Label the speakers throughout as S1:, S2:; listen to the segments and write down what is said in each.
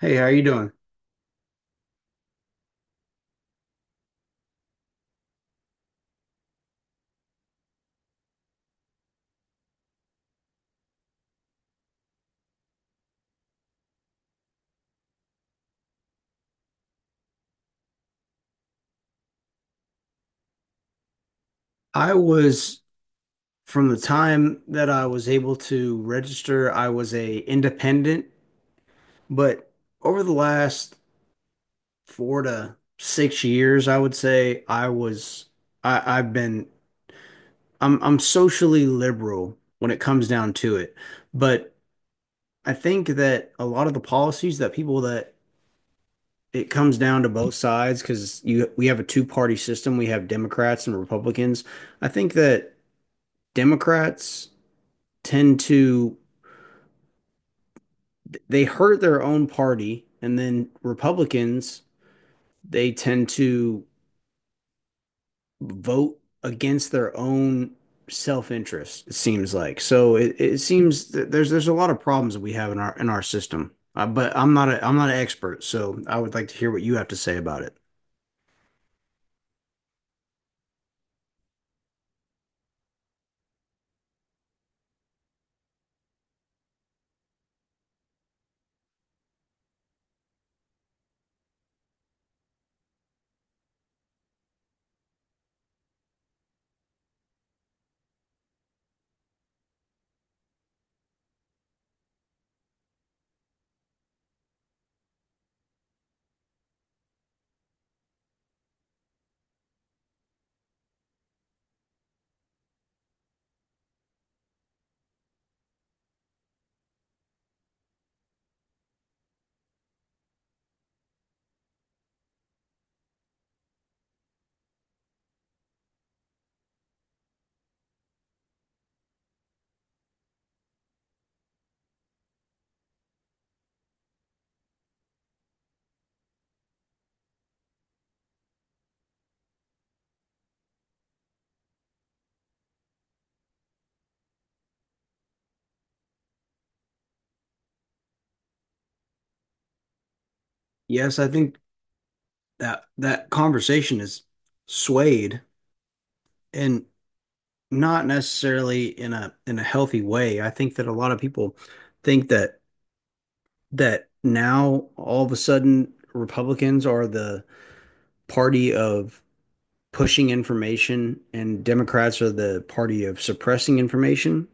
S1: Hey, how you doing? I was From the time that I was able to register, I was a independent, but over the last 4 to 6 years, I would say I was I, I've been I'm socially liberal when it comes down to it. But I think that a lot of the policies that it comes down to both sides because you we have a two-party system. We have Democrats and Republicans. I think that Democrats tend to they hurt their own party, and then Republicans they tend to vote against their own self-interest, it seems like. So it seems that there's a lot of problems that we have in our system, but I'm not an expert, so I would like to hear what you have to say about it. Yes, I think that that conversation is swayed and not necessarily in a healthy way. I think that a lot of people think that now, all of a sudden, Republicans are the party of pushing information and Democrats are the party of suppressing information.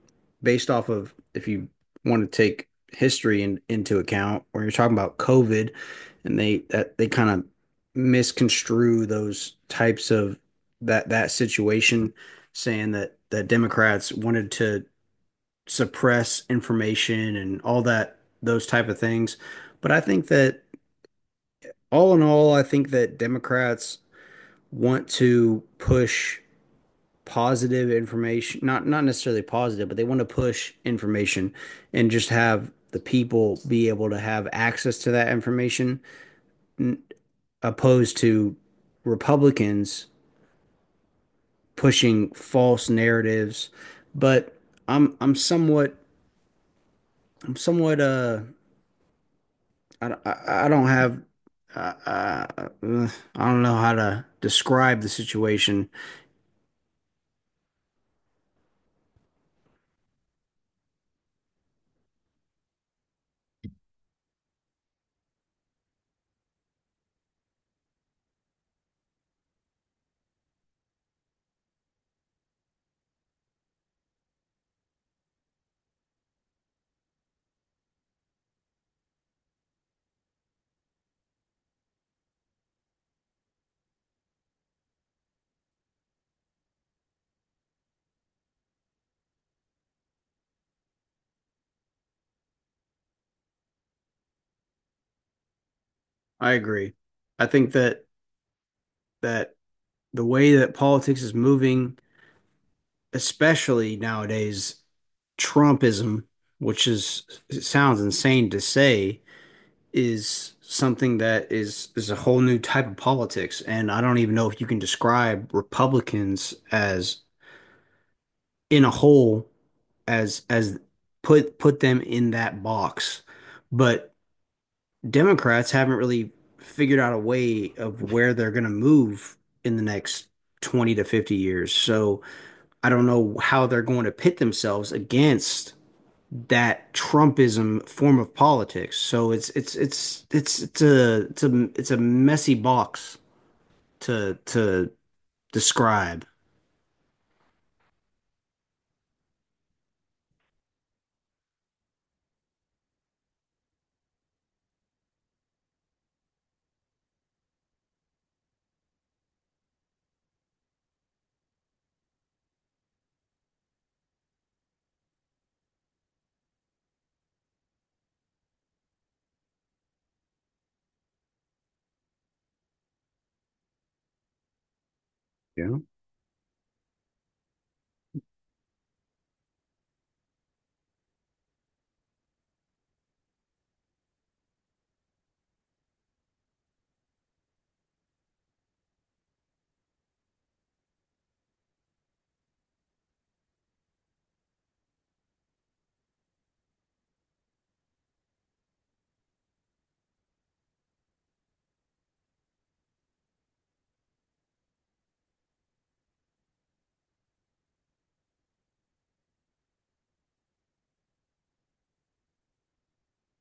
S1: Based off of, if you want to take history into account, or you're talking about COVID, and they kind of misconstrue those types of that situation, saying that Democrats wanted to suppress information and all that, those type of things. But I think that, all in all, I think that Democrats want to push positive information, not necessarily positive, but they want to push information and just have the people be able to have access to that information, opposed to Republicans pushing false narratives. But I'm I'm somewhat I'm somewhat, I don't have uh, uh, I don't know how to describe the situation. I agree. I think that that the way that politics is moving, especially nowadays, Trumpism, which is it sounds insane to say, is something that is a whole new type of politics, and I don't even know if you can describe Republicans as in a whole, as put them in that box. But Democrats haven't really figured out a way of where they're going to move in the next 20 to 50 years. So I don't know how they're going to pit themselves against that Trumpism form of politics. So it's a messy box to describe. Yeah.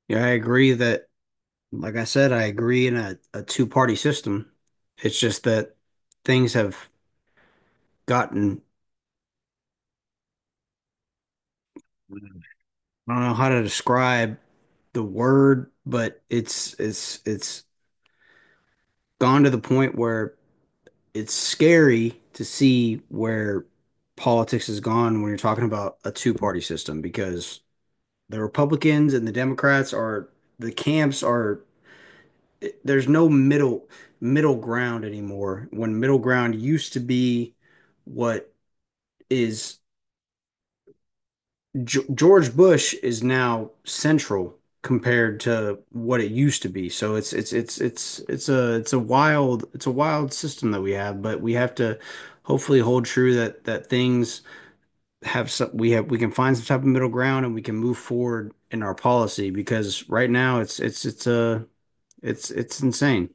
S1: Yeah, I agree that, like I said, I agree in a two-party system. It's just that things have gotten, I don't know how to describe the word, but it's gone to the point where it's scary to see where politics has gone when you're talking about a two-party system, because the Republicans and the Democrats are, the camps are, there's no middle ground anymore, when middle ground used to be what is G George Bush is now central compared to what it used to be. So it's a wild system that we have, but we have to hopefully hold true that things have some we have we can find some type of middle ground, and we can move forward in our policy, because right now it's insane.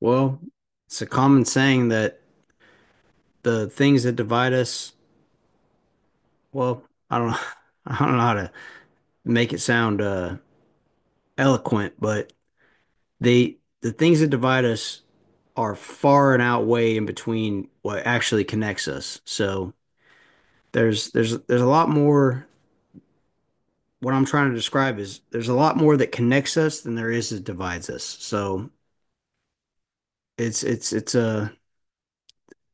S1: Well, it's a common saying that the things that divide us, well, I don't I don't know how to make it sound eloquent, but the things that divide us are far and outweigh in between what actually connects us. So there's there's a lot more. What I'm trying to describe is there's a lot more that connects us than there is that divides us. So it's a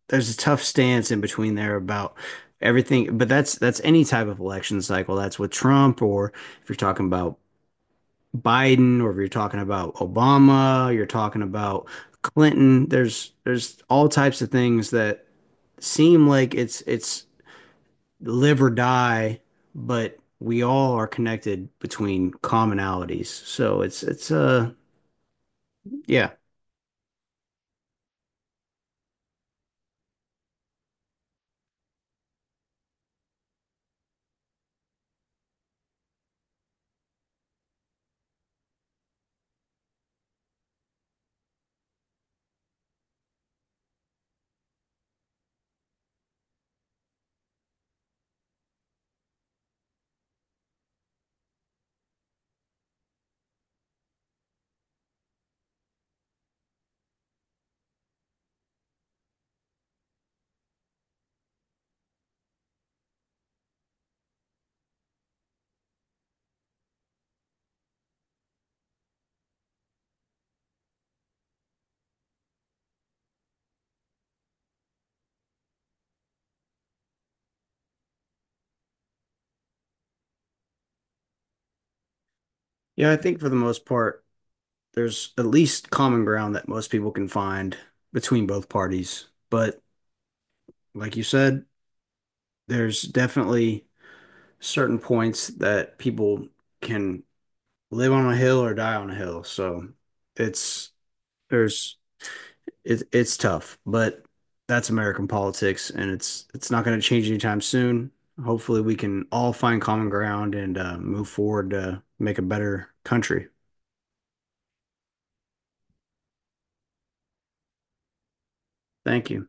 S1: there's a tough stance in between there about everything, but that's any type of election cycle. That's with Trump, or if you're talking about Biden, or if you're talking about Obama, you're talking about Clinton, there's all types of things that seem like it's live or die, but we all are connected between commonalities. So it's yeah. Yeah, I think for the most part, there's at least common ground that most people can find between both parties. But like you said, there's definitely certain points that people can live on a hill or die on a hill. So it's there's it's tough, but that's American politics, and it's not going to change anytime soon. Hopefully, we can all find common ground and move forward to make a better country. Thank you.